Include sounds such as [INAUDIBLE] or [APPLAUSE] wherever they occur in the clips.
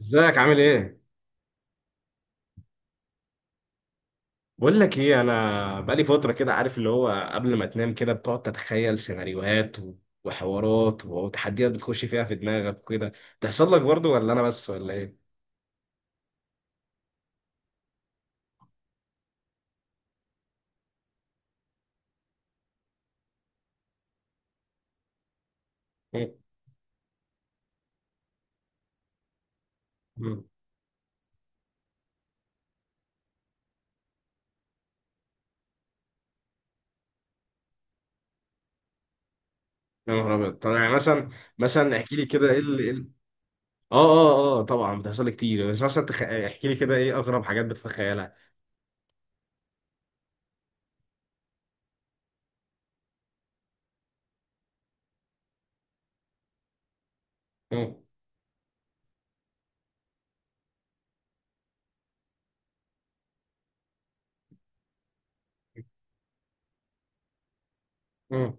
ازيك؟ عامل ايه؟ بقول لك ايه، انا بقالي فتره كده، عارف اللي هو قبل ما تنام كده بتقعد تتخيل سيناريوهات وحوارات وتحديات بتخش فيها في دماغك وكده. بتحصل لك برضو ولا انا بس ولا ايه؟ مم. مم. يا نهار ابيض! طب يعني مثلا، احكي لي كده، ايه إيه طبعا بتحصل لي كتير، بس مثلا احكي لي كده ايه اغرب حاجات بتتخيلها. مم. مم.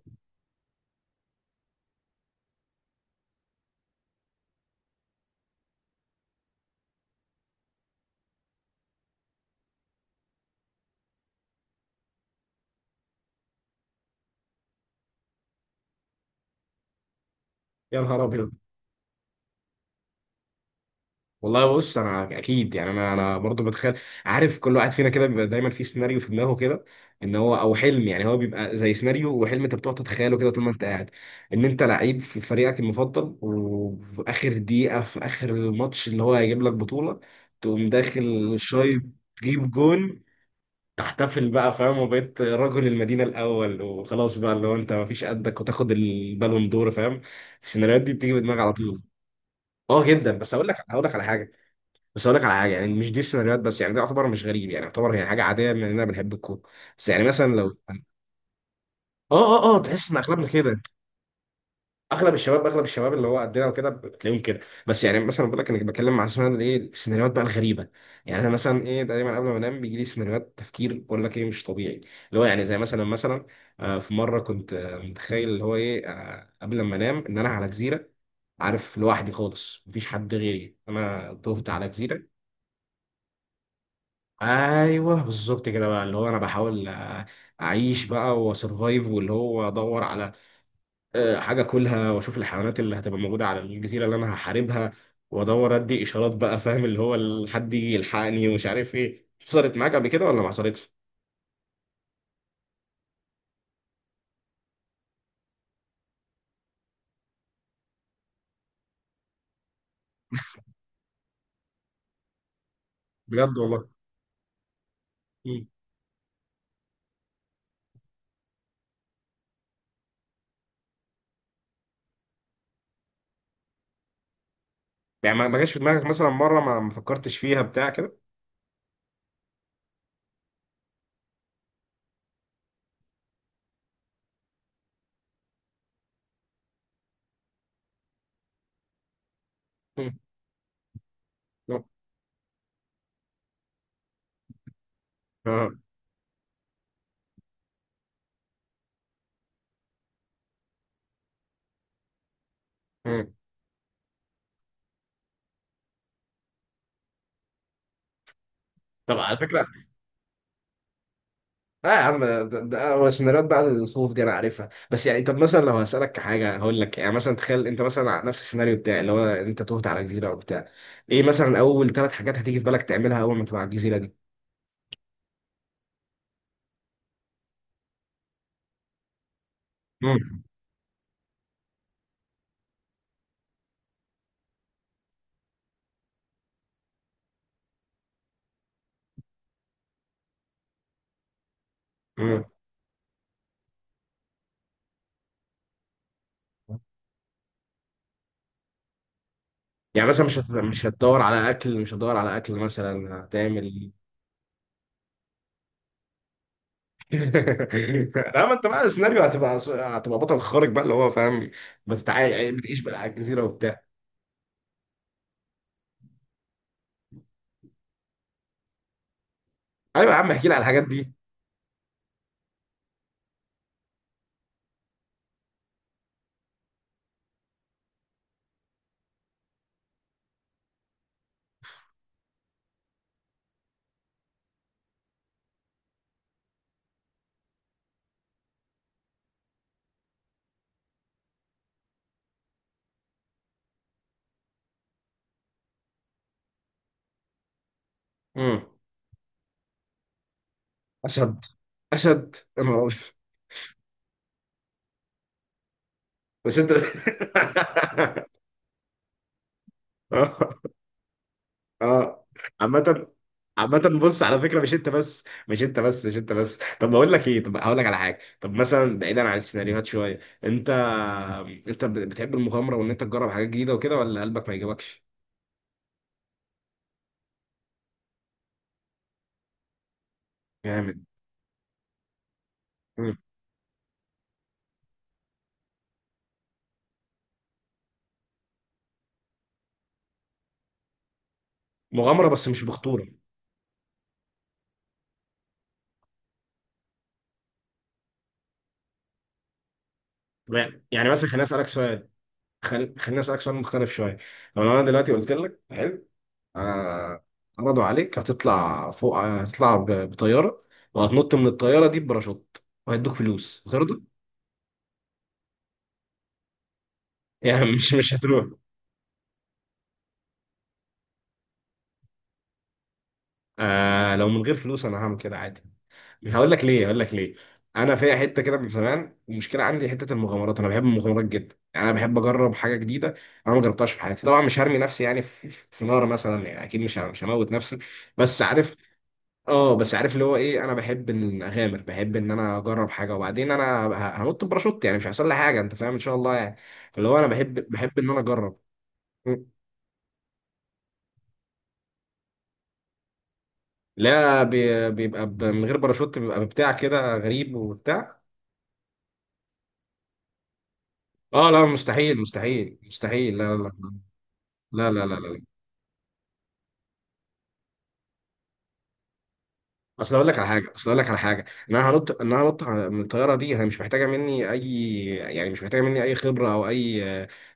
يا نهار ابيض. والله بص انا اكيد يعني انا برضه بتخيل. عارف، كل واحد فينا كده بيبقى دايما في سيناريو في دماغه كده، ان هو او حلم، يعني هو بيبقى زي سيناريو وحلم انت بتقعد تتخيله كده طول ما انت قاعد، ان انت لعيب في فريقك المفضل، وفي اخر دقيقه في اخر الماتش اللي هو هيجيب لك بطوله، تقوم داخل شايط، تجيب جون، تحتفل بقى، فاهم؟ وبقيت رجل المدينه الاول، وخلاص بقى اللي هو انت مفيش قدك، وتاخد البالون دور، فاهم؟ السيناريوهات دي بتيجي في دماغي على طول. اه جدا، بس هقول لك على حاجه. بس اقول لك على حاجه يعني، مش دي السيناريوهات بس، يعني ده يعتبر مش غريب، يعني يعتبر هي حاجه عاديه من اننا بنحب الكوره. بس يعني مثلا لو اه، اه تحس ان اغلبنا كده. اغلب الشباب، اغلب الشباب اللي هو قدنا وكده بتلاقيهم كده. بس يعني مثلا بقول لك، انا بتكلم مع اسمها ايه، السيناريوهات بقى الغريبه. يعني انا مثلا ايه، دايما قبل ما انام بيجي لي سيناريوهات تفكير، بقول لك ايه، مش طبيعي. اللي هو يعني زي مثلا، في مره كنت متخيل اللي هو ايه، قبل ما انام ان انا على جزيره. عارف، لوحدي خالص، مفيش حد غيري، انا تهت على جزيره. ايوه بالظبط كده بقى، اللي هو انا بحاول اعيش بقى واسرفايف، واللي هو ادور على حاجه كلها، واشوف الحيوانات اللي هتبقى موجوده على الجزيره اللي انا هحاربها. وادور ادي اشارات بقى، فاهم؟ اللي هو حد يجي يلحقني، ومش عارف ايه حصلت معاك قبل كده ولا ما حصلتش. بجد والله. مم. يعني ما جاش في دماغك مثلا مره، ما فكرتش فيها بتاع كده؟ مم. آه. مم. طب على فكره، اه يا عم، ده هو سيناريوهات بعد الخوف دي انا عارفها. بس يعني طب مثلا لو هسألك كحاجة هقول لك، يعني مثلا تخيل انت مثلا على نفس السيناريو بتاعي، اللي هو انت تهت على جزيرة او بتاع، ايه مثلا اول ثلاث حاجات هتيجي في بالك تعملها اول ما تبقى على الجزيرة دي؟ مم. مم. يعني مثلا مش هتدور على اكل؟ مش هتدور على اكل مثلا؟ هتعمل... [LAUGHS] لا، ما انت بقى السيناريو هتبقى بطل خارق بقى، اللي هو فاهم، بتعيش بقى على الجزيرة وبتاع. ايوه يا عم، احكي لي على الحاجات دي. مم. اشد، يا نهار أبيض. مش انت؟ [LAUGHS] اه اه. عامة، بص على فكرة، مش انت بس. طب بقول لك ايه، طب هقول لك على حاجة، طب مثلا بعيدا عن السيناريوهات شوية، انت بتحب المغامرة وان انت تجرب حاجات جديدة وكده، ولا قلبك ما يجيبكش؟ جامد. مم. مغامرة بس مش بخطورة. يعني مثلا خليني اسألك سؤال، خليني اسألك سؤال مختلف شوية. طب لو انا دلوقتي قلت لك، حلو، آه، عرضوا عليك هتطلع فوق، هتطلع بطياره، وهتنط من الطياره دي بباراشوت، وهيدوك فلوس، هترضى؟ [LAUGHS] يعني مش، مش هتروح؟ آه، لو من غير فلوس انا هعمل كده عادي. هقول لك ليه. انا فيها حته كده من زمان، المشكله عندي حته المغامرات، انا بحب المغامرات جدا، يعني انا بحب اجرب حاجه جديده انا ما جربتهاش في حياتي. طبعا مش هرمي نفسي يعني في، في نار مثلا، يعني اكيد مش هموت نفسي. بس عارف، اه بس عارف اللي هو ايه، انا بحب ان اغامر، بحب ان انا اجرب حاجه، وبعدين انا هنط باراشوت، يعني مش هيحصل لي حاجه، انت فاهم، ان شاء الله، يعني. فاللي هو انا بحب ان انا اجرب. مم. لا، بيبقى من غير باراشوت بيبقى بتاع كده غريب وبتاع. اه لا، مستحيل، لا لا. لا لا لا لا لا. اصل اقول لك على حاجه، ان انا هنط، من الطياره دي هي مش محتاجه مني اي، يعني مش محتاجه مني اي خبره او اي،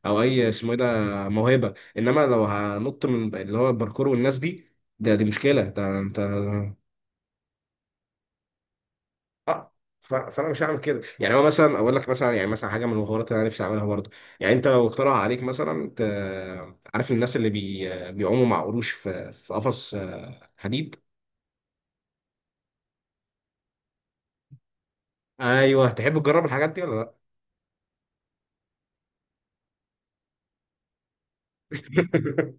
او اي اسمه ايه ده، موهبه. انما لو هنط من اللي هو الباركور والناس دي، دي مشكله، ده انت... اه، فانا مش هعمل كده. يعني هو مثلا اقول لك مثلا، يعني مثلا حاجه من الحوارات اللي انا نفسي اعملها برضه، يعني انت لو اقترح عليك مثلا، انت عارف الناس اللي بيعوموا مع قروش في، في قفص حديد؟ ايوه، تحب تجرب الحاجات دي ولا لا؟ [LAUGHS]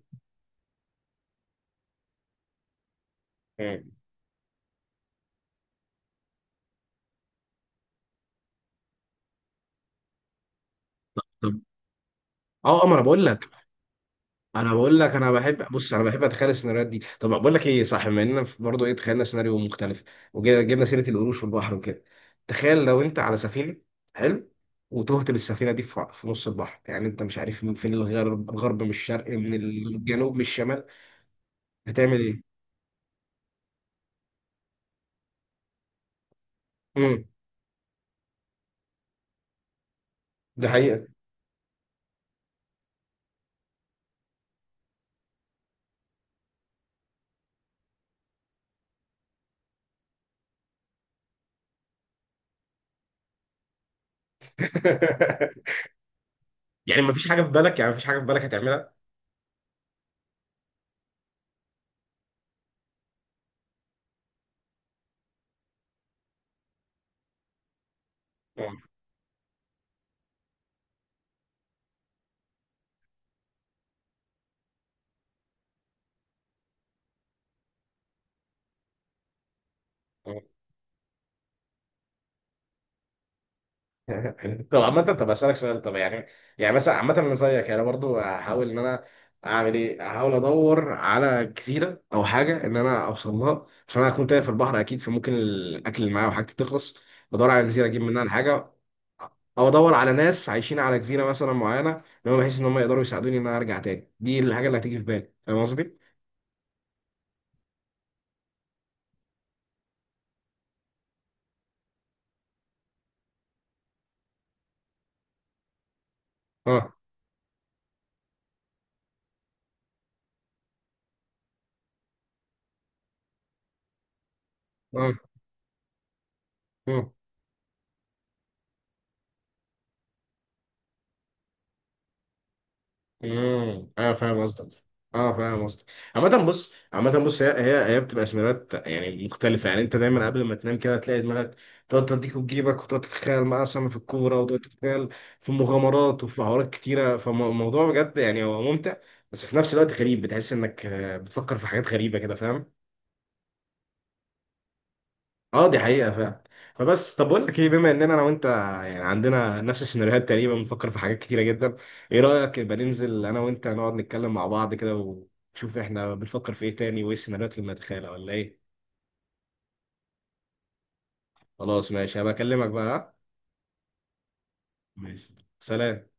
طب اه، ما انا بقول لك، انا بحب، بص انا بحب اتخيل السيناريوهات دي. طب بقول لك ايه، صح، بما اننا برضه ايه، تخيلنا سيناريو مختلف وجبنا سيره القروش والبحر وكده، تخيل لو انت على سفينه، حلو، وتهت بالسفينه دي في، في نص البحر، يعني انت مش عارف من فين الغرب، الغرب من الشرق، من الجنوب، من الشمال. هتعمل ايه؟ امم. ده حقيقه. [LAUGHS] يعني مفيش حاجه في بالك، يعني مفيش حاجه في بالك هتعملها؟ آه، آه. [LAUGHS] طب عامة، طب اسألك سؤال، طب يعني، يعني مثلا عامة انا زيك يعني، برضو هحاول ان انا اعمل ايه؟ هحاول ادور على جزيرة او حاجة ان انا اوصل لها، عشان انا هكون تايه في البحر اكيد، فممكن الاكل اللي معايا وحاجتي تخلص، بدور على جزيرة اجيب منها الحاجة، او ادور على ناس عايشين على جزيرة مثلا معينة، ان هم بحيث ان هم يقدروا يساعدوني ان انا ارجع تاني. دي الحاجة اللي هتيجي في بالي، فاهم قصدي؟ اه اه. آه. امم، اه فاهم قصدك. اه فاهم قصدك. عامة بص، هي بتبقى سيناريوهات يعني مختلفة، يعني انت دايما قبل ما تنام كده تلاقي دماغك تقعد تديك وتجيبك، وتقعد تتخيل معاه سما في الكورة، وتقعد تتخيل في مغامرات وفي حوارات كتيرة. فالموضوع بجد يعني هو ممتع، بس في نفس الوقت غريب، بتحس انك بتفكر في حاجات غريبة كده، فاهم؟ اه دي حقيقة فعلا. فبس طب بقول لك ايه، بما اننا انا وانت يعني عندنا نفس السيناريوهات تقريبا، بنفكر في حاجات كتيرة جدا، ايه رأيك يبقى ننزل انا وانت نقعد نتكلم مع بعض كده، ونشوف احنا بنفكر في ايه تاني، وايه السيناريوهات اللي بنتخيلها ولا ايه؟ خلاص، ماشي، هبقى اكلمك بقى، ها؟ ماشي. سلام.